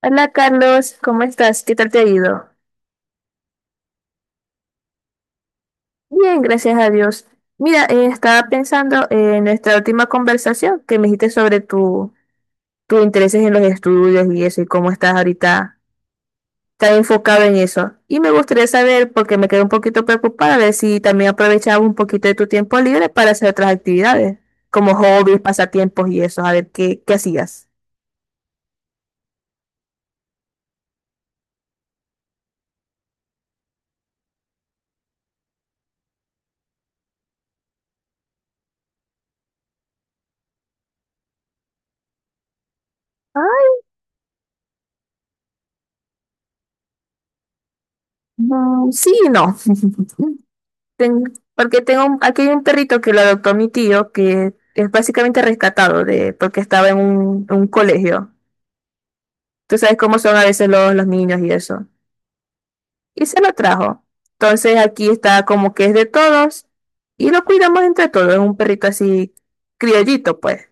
Hola Carlos, ¿cómo estás? ¿Qué tal te ha ido? Bien, gracias a Dios. Mira, estaba pensando en nuestra última conversación que me dijiste sobre tus intereses en los estudios y eso, y cómo estás ahorita tan enfocado en eso. Y me gustaría saber, porque me quedé un poquito preocupada, a ver si también aprovechaba un poquito de tu tiempo libre para hacer otras actividades, como hobbies, pasatiempos y eso, a ver qué hacías. Ah, sí, y no. Ten- Porque tengo, aquí hay un perrito que lo adoptó mi tío, que es básicamente rescatado porque estaba en un colegio. Tú sabes cómo son a veces los niños y eso. Y se lo trajo. Entonces aquí está como que es de todos y lo cuidamos entre todos. Es un perrito así criollito, pues.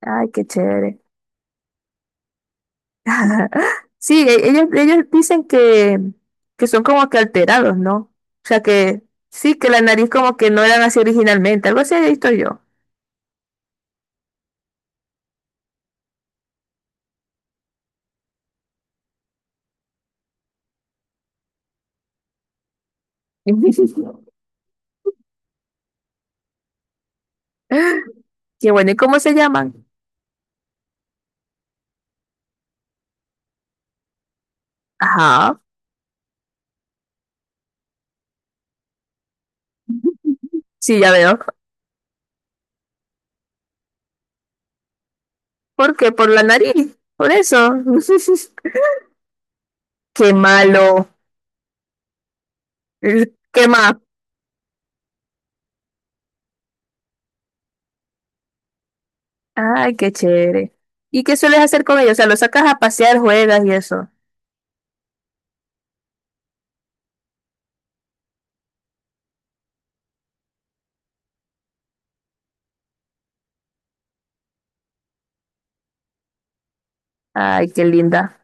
Ay, qué chévere. Sí, ellos dicen que son como que alterados, ¿no? O sea que sí, que la nariz como que no eran así originalmente. Algo así he visto yo. Qué bueno, ¿y cómo se llaman? Ajá, sí, ya veo. ¿Por qué? Por la nariz, por eso. Qué malo. ¿Qué más? Ay, qué chévere. ¿Y qué sueles hacer con ellos? O sea, los sacas a pasear, juegas y eso. Ay, qué linda.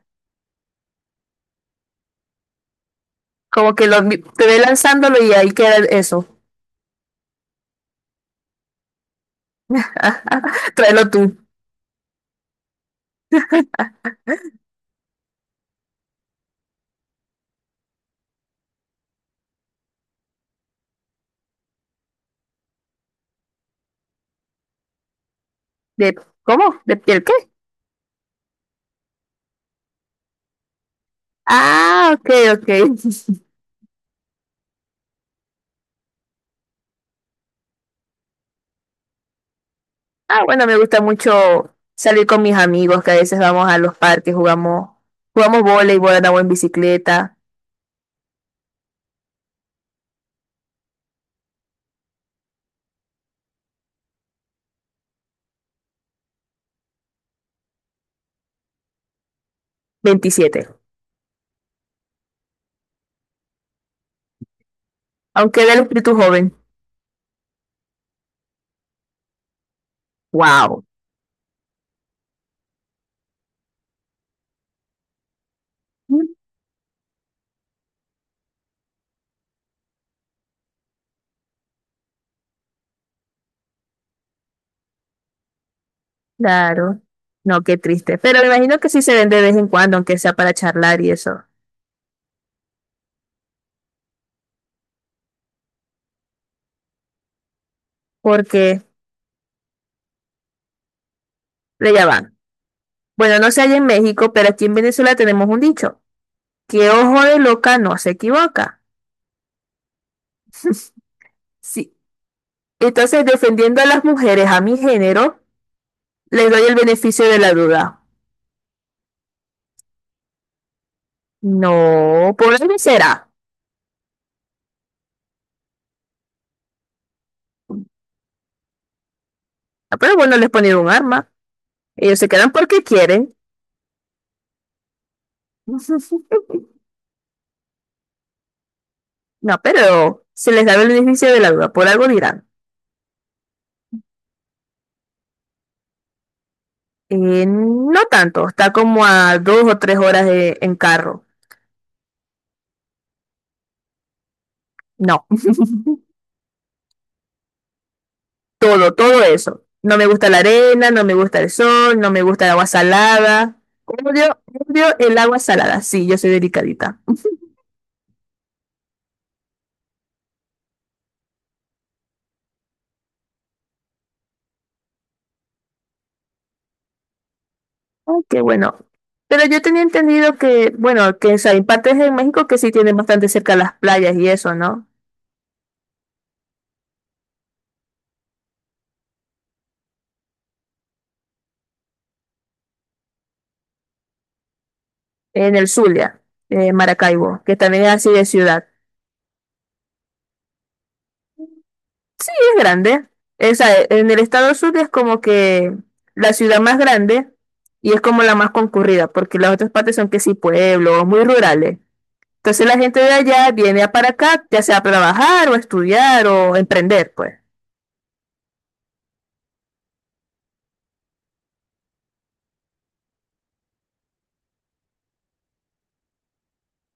Como que lo, te ve lanzándolo y ahí queda eso. Tráelo tú. ¿De, ¿Cómo? ¿De piel qué? Ah, ok, ok. Ah, bueno, me gusta mucho salir con mis amigos, que a veces vamos a los parques, jugamos voleibol, andamos en bicicleta. 27. Aunque era el espíritu joven. Wow. Claro. No, qué triste. Pero me imagino que sí se ven de vez en cuando, aunque sea para charlar y eso. Porque, pero ya va. Bueno, no sé allá en México, pero aquí en Venezuela tenemos un dicho. Que ojo de loca no se equivoca. Si Entonces, defendiendo a las mujeres, a mi género, les doy el beneficio de la duda. No, por algo será. Ah, pero bueno, les ponen un arma. Ellos se quedan porque quieren. No, pero se les da el beneficio de la duda. Por algo dirán. No tanto. Está como a 2 o 3 horas en carro. No, todo, todo eso. No me gusta la arena, no me gusta el sol, no me gusta el agua salada. Odio, odio el agua salada. Sí, yo soy delicadita. Ay, qué bueno. Pero yo tenía entendido que, bueno, que o sea, hay partes en México que sí tienen bastante cerca las playas y eso, ¿no? En el Zulia, Maracaibo, que también es así de ciudad. Y es grande. Esa, en el estado Zulia es como que la ciudad más grande y es como la más concurrida, porque las otras partes son que sí pueblos, muy rurales. Entonces la gente de allá viene a para acá, ya sea a trabajar o estudiar o emprender, pues.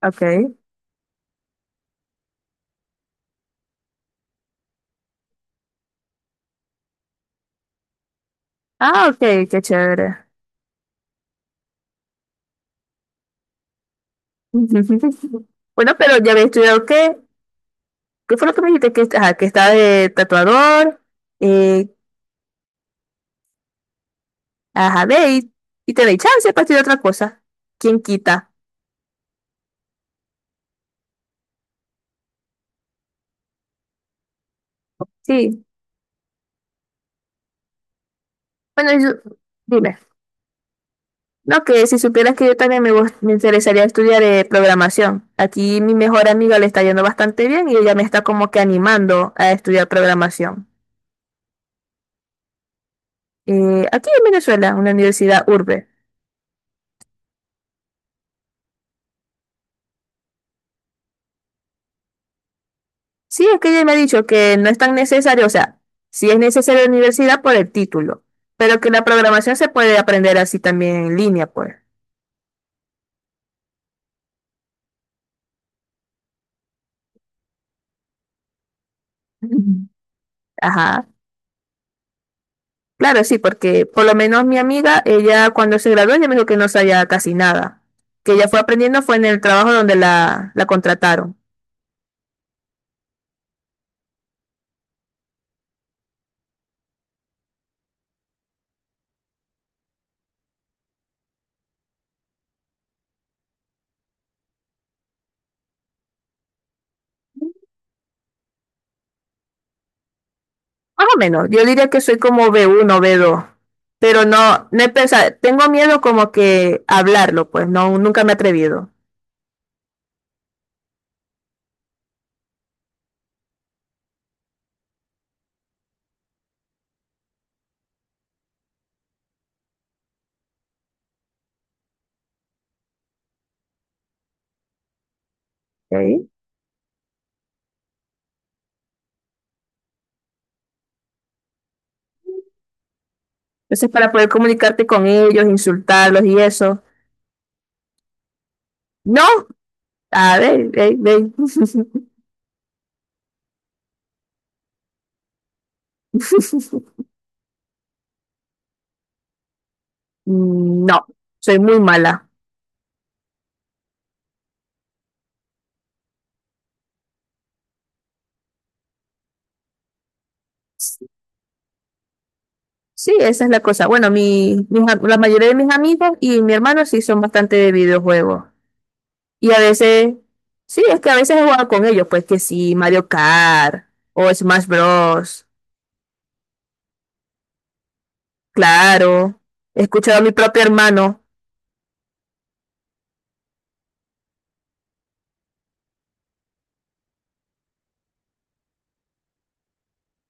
Ok. Ah, ok, qué chévere. Bueno, pero ya había estudiado qué, qué fue lo que me dijiste que, ajá, que estaba de tatuador, eh, ajá, ve y te doy chance para estudiar otra cosa. ¿Quién quita? Sí. Bueno, y dime. No, que si supieras que yo también me interesaría estudiar programación. Aquí mi mejor amiga le está yendo bastante bien y ella me está como que animando a estudiar programación. Aquí en Venezuela, una universidad urbe. Sí, es que ella me ha dicho que no es tan necesario, o sea, sí es necesario la universidad por el título, pero que la programación se puede aprender así también en línea, pues. Ujú. Ajá. Claro, sí, porque por lo menos mi amiga, ella cuando se graduó, ella me dijo que no sabía casi nada. Que ella fue aprendiendo fue en el trabajo donde la contrataron. Más o menos, yo diría que soy como B1, B2, pero no, no he pensado, tengo miedo como que hablarlo, pues no, nunca me he atrevido. Ok. Entonces, para poder comunicarte con ellos, insultarlos y eso. No, a ver, ve, ve. No, soy muy mala. Sí, esa es la cosa. Bueno, la mayoría de mis amigos y mi hermano sí son bastante de videojuegos. Y a veces, sí, es que a veces he jugado con ellos, pues que sí, Mario Kart o Smash Bros. Claro, he escuchado a mi propio hermano.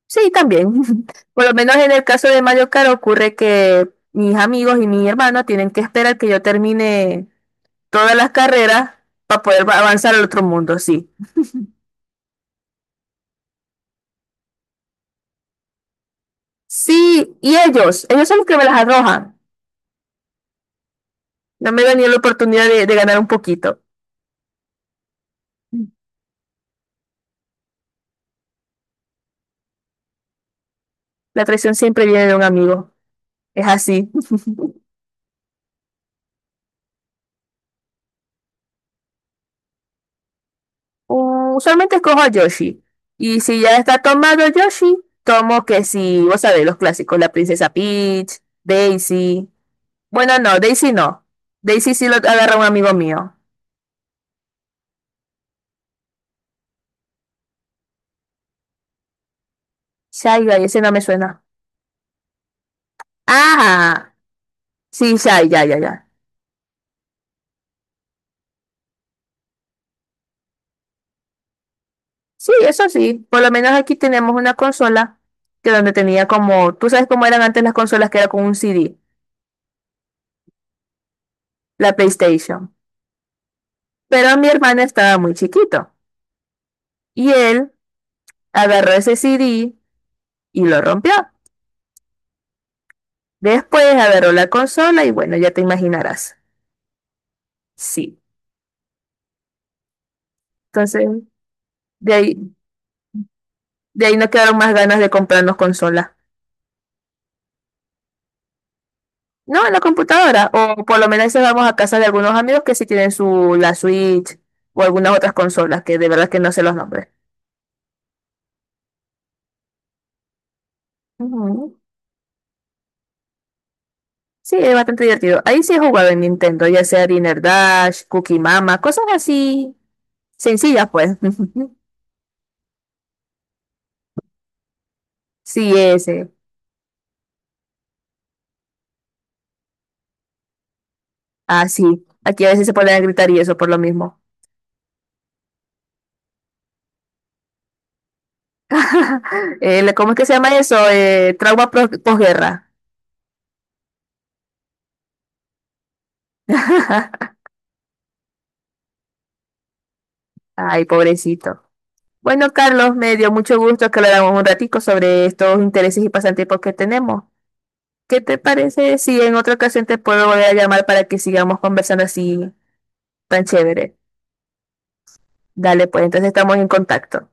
Sí, también. Por lo menos en el caso de Mario Kart ocurre que mis amigos y mi hermano tienen que esperar que yo termine todas las carreras para poder avanzar al otro mundo, sí. Sí, y ellos son los que me las arrojan. No me dan ni la oportunidad de ganar un poquito. La traición siempre viene de un amigo, es así. Usualmente escojo a Yoshi. Y si ya está tomado Yoshi, tomo que si, vos sabés, los clásicos, la princesa Peach, Daisy. Bueno, no, Daisy no. Daisy sí lo agarra un amigo mío. Shy Guy, ese no me suena. Ah, sí, Shy, ya, ya, ya. Sí, eso sí. Por lo menos aquí tenemos una consola que donde tenía como, tú sabes cómo eran antes las consolas que era con un CD, la PlayStation. Pero mi hermano estaba muy chiquito y él agarró ese CD y lo rompió. Después agarró la consola y bueno, ya te imaginarás. Sí. Entonces, de ahí, de ahí no quedaron más ganas de comprarnos consolas. No, en la computadora. O por lo menos a vamos a casa de algunos amigos que sí tienen su la Switch o algunas otras consolas que de verdad que no sé los nombres. Ujú. Sí, es bastante divertido. Ahí sí he jugado en Nintendo, ya sea Dinner Dash, Cookie Mama, cosas así sencillas, pues. Sí, ese. Ah, sí. Aquí a veces se ponen a gritar y eso por lo mismo. ¿Cómo es que se llama eso? Trauma posguerra. Ay, pobrecito. Bueno, Carlos, me dio mucho gusto que habláramos un ratico sobre estos intereses y pasatiempos que tenemos. ¿Qué te parece si en otra ocasión te puedo volver a llamar para que sigamos conversando así tan chévere? Dale, pues entonces estamos en contacto.